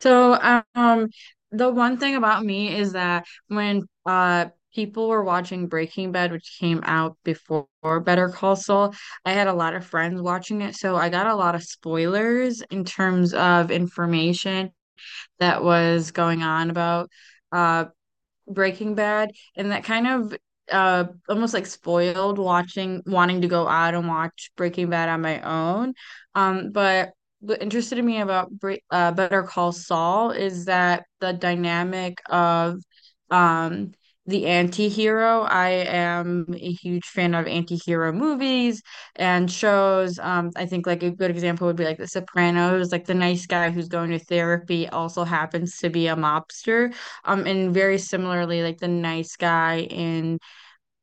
So, um, the one thing about me is that when people were watching Breaking Bad, which came out before Better Call Saul, I had a lot of friends watching it, so I got a lot of spoilers in terms of information that was going on about uh Breaking Bad, and that kind of almost like spoiled watching wanting to go out and watch Breaking Bad on my own. But what interested me about Bre Better Call Saul is that the dynamic of um the anti-hero. I am a huge fan of anti-hero movies and shows. I think like a good example would be like The Sopranos, like the nice guy who's going to therapy also happens to be a mobster. And very similarly, like The Nice Guy in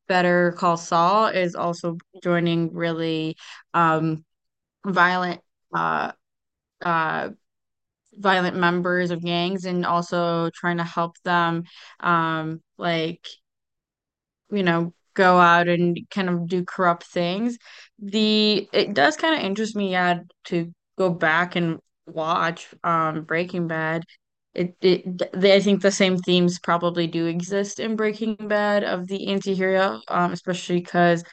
Better Call Saul is also joining really um violent uh uh violent members of gangs and also trying to help them like go out and kind of do corrupt things. The it does kind of interest me, yeah, to go back and watch Breaking Bad. I think the same themes probably do exist in Breaking Bad of the anti-hero, especially because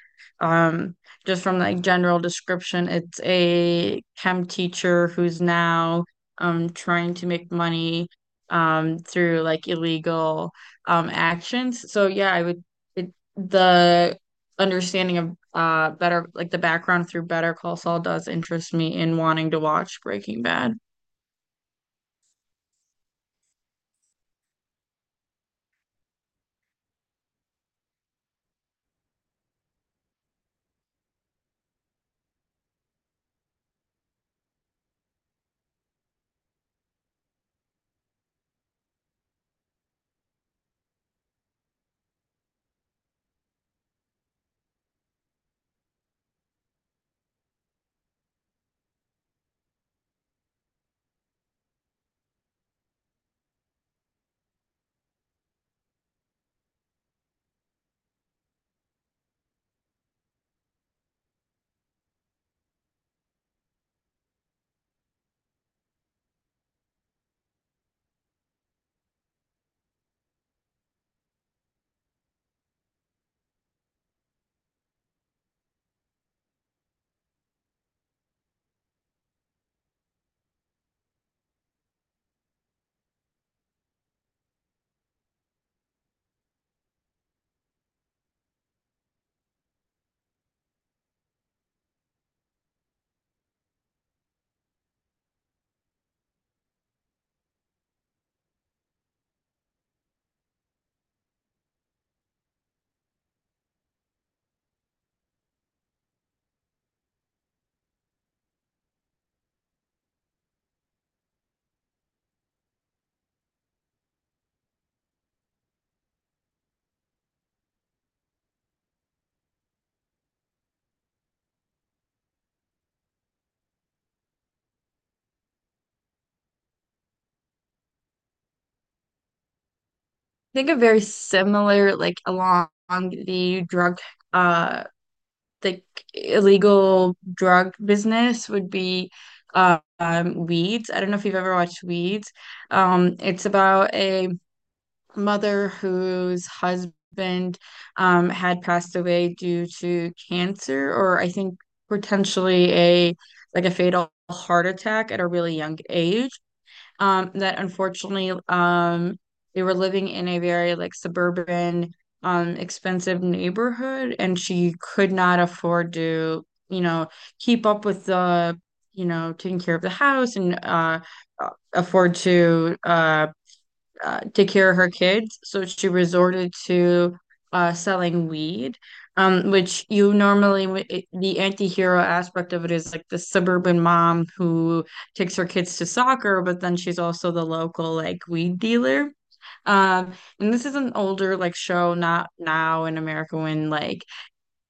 um just from like general description, it's a chem teacher who's now trying to make money through like illegal actions. So yeah, the understanding of better like the background through Better Call Saul does interest me in wanting to watch Breaking Bad. I think a very similar like along uh the illegal drug business would be Weeds. I don't know if you've ever watched Weeds. It's about a mother whose husband had passed away due to cancer, or I think potentially a like a fatal heart attack at a really young age. That unfortunately, they were living in a very like suburban, expensive neighborhood, and she could not afford to, keep up with the taking care of the house and afford to take care of her kids, so she resorted to selling weed, which you normally the anti-hero aspect of it is like the suburban mom who takes her kids to soccer, but then she's also the local like weed dealer. Um, and this is an older like show, not now in America when like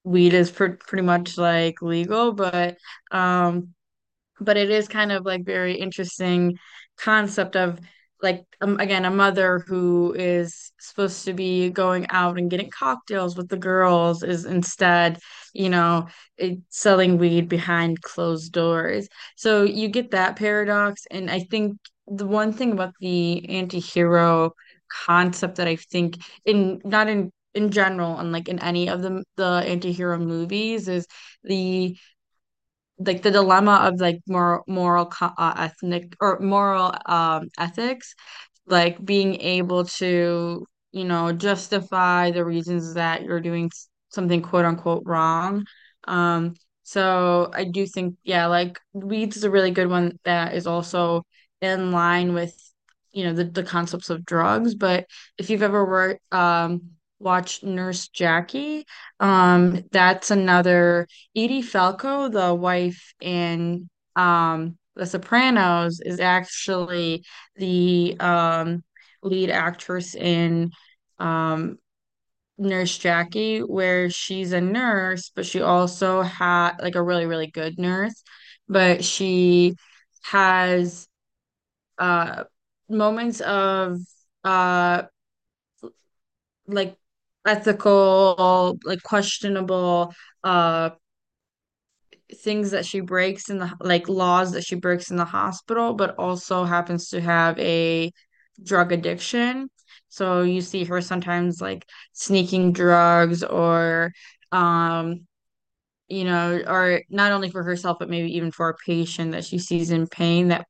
weed is pr pretty much like legal, um but it is kind of like very interesting concept of like again a mother who is supposed to be going out and getting cocktails with the girls is instead you know selling weed behind closed doors, so you get that paradox. And I think the one thing about the anti-hero concept that I think in not in in general and like in any of the anti-hero movies is the like the dilemma of like ethnic or moral ethics, like being able to, justify the reasons that you're doing something quote unquote wrong. Um, so I do think, yeah, like Weeds is a really good one that is also in line with, the concepts of drugs. But if you've ever watched Nurse Jackie, that's another. Edie Falco, the wife in The Sopranos, is actually the lead actress in um Nurse Jackie, where she's a nurse, but she also had like a really, really good nurse, but she has uh moments of uh like ethical, like questionable uh things that she breaks in the like laws that she breaks in the hospital, but also happens to have a drug addiction. So you see her sometimes like sneaking drugs or um or not only for herself but maybe even for a patient that she sees in pain that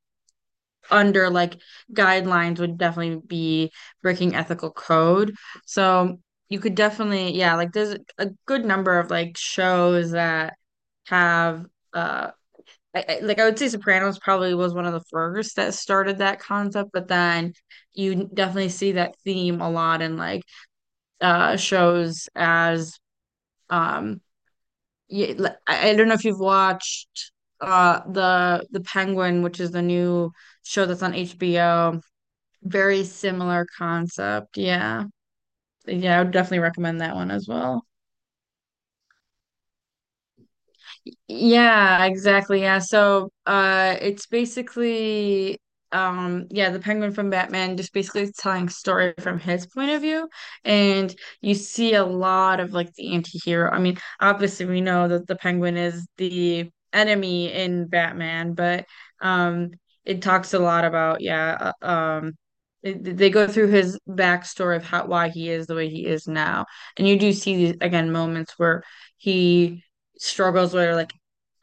under like guidelines would definitely be breaking ethical code. So you could definitely, yeah, like there's a good number of like shows that have uh like I would say Sopranos probably was one of the first that started that concept, but then you definitely see that theme a lot in like shows as um yeah, like, I don't know if you've watched the Penguin, which is the new show that's on HBO. Very similar concept. Yeah. Yeah, I would definitely recommend that one as well. Yeah, exactly. Yeah. So, it's basically, yeah, the Penguin from Batman just basically is telling a story from his point of view, and you see a lot of like the anti-hero. I mean, obviously we know that the Penguin is the enemy in Batman, but um, it talks a lot about they go through his backstory of how why he is the way he is now, and you do see these again moments where he struggles with like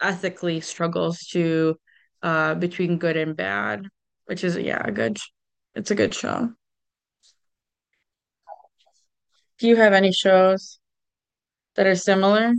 ethically struggles to between good and bad, which is, yeah, a good, it's a good show. Do you have any shows that are similar?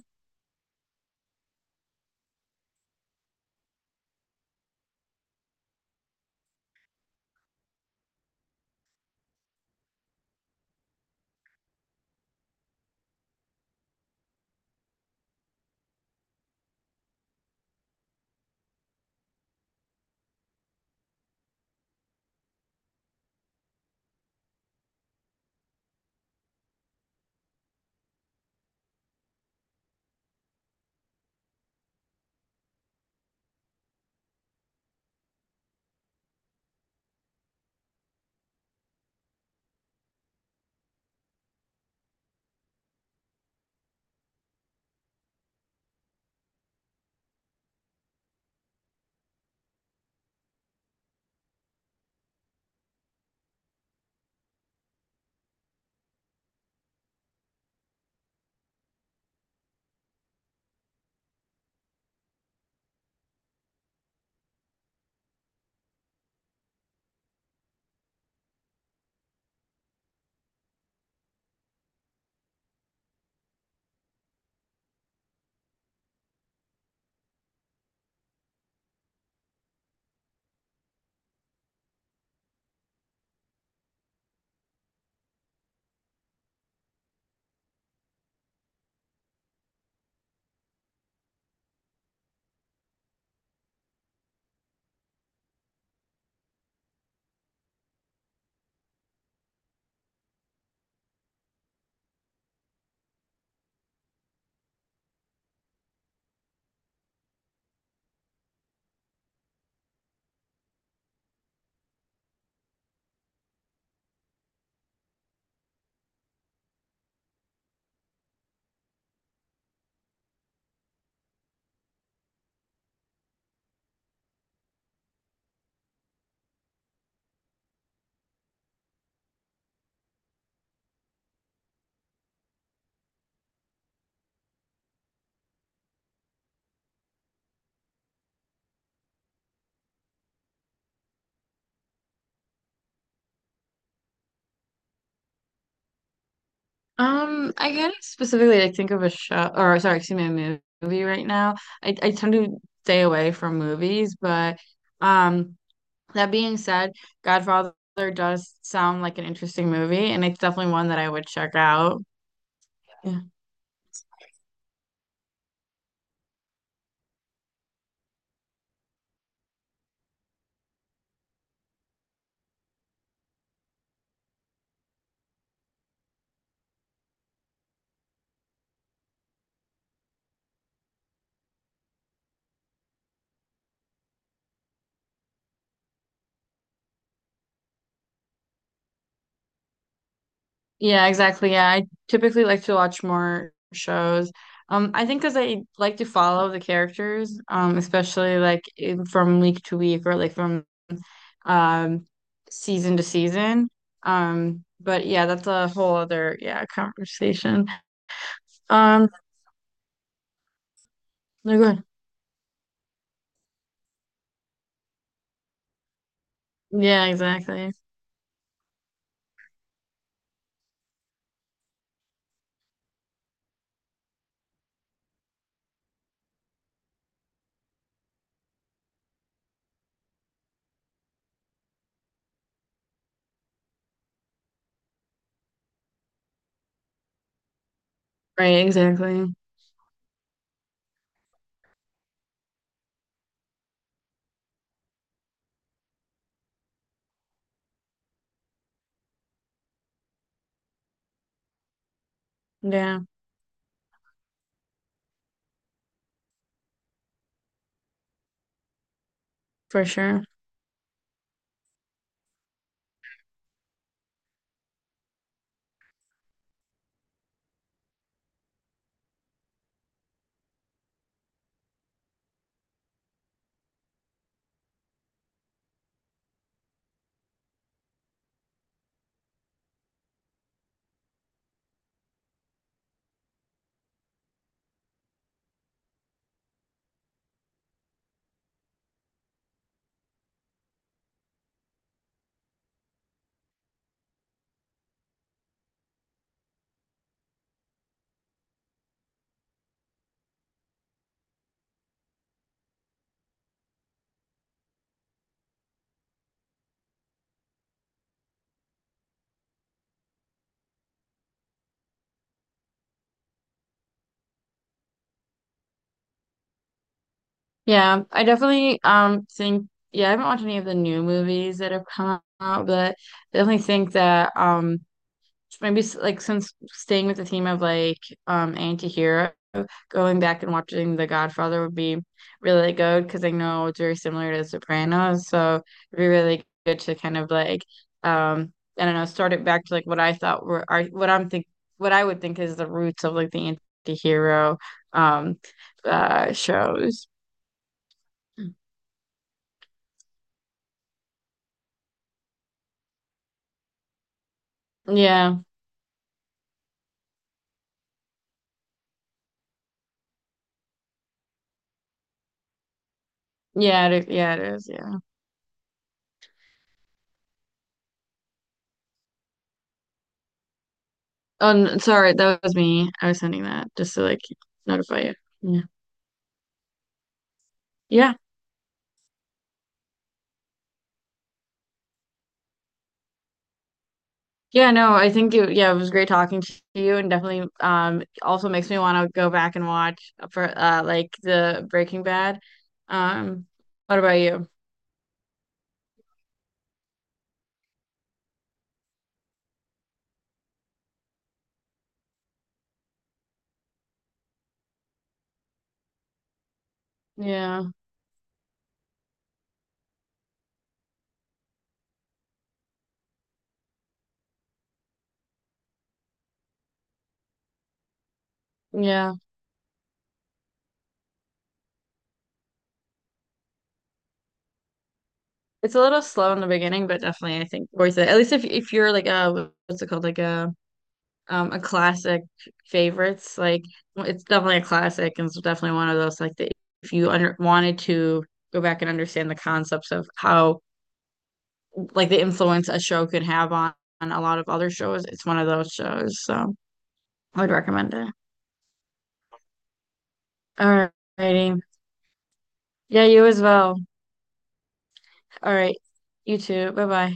I can't specifically like think of a show, or sorry, excuse me, a movie right now. I tend to stay away from movies, but um, that being said, Godfather does sound like an interesting movie, and it's definitely one that I would check out. Yeah. Yeah, exactly. Yeah, I typically like to watch more shows. I think because I like to follow the characters, especially like in, from week to week or like from um season to season. But yeah, that's a whole other yeah conversation. Um, no good. Yeah, exactly. Right, exactly. Yeah, for sure. Yeah, I definitely think, yeah, I haven't watched any of the new movies that have come out, but I definitely think that maybe like since staying with the theme of like anti-hero, going back and watching The Godfather would be really good because I know it's very similar to Sopranos, so it'd be really good to kind of like I don't know, start it back to like what I thought were are what I'm think what I would think is the roots of like the anti-hero um shows. Yeah, yeah it is, yeah. Oh, sorry, that was me. I was sending that just to like notify you. Yeah. Yeah. Yeah, no, I think yeah, it was great talking to you and definitely also makes me want to go back and watch for like the Breaking Bad. Um, what about you? Yeah. Yeah. It's a little slow in the beginning, but definitely I think worth it. At least if you're like a what's it called? Like a classic favorites, like, well, it's definitely a classic and it's definitely one of those like that if you under wanted to go back and understand the concepts of how like the influence a show could have on a lot of other shows. It's one of those shows, so I would recommend it. All righty. Yeah, you as well. All right. You too. Bye bye.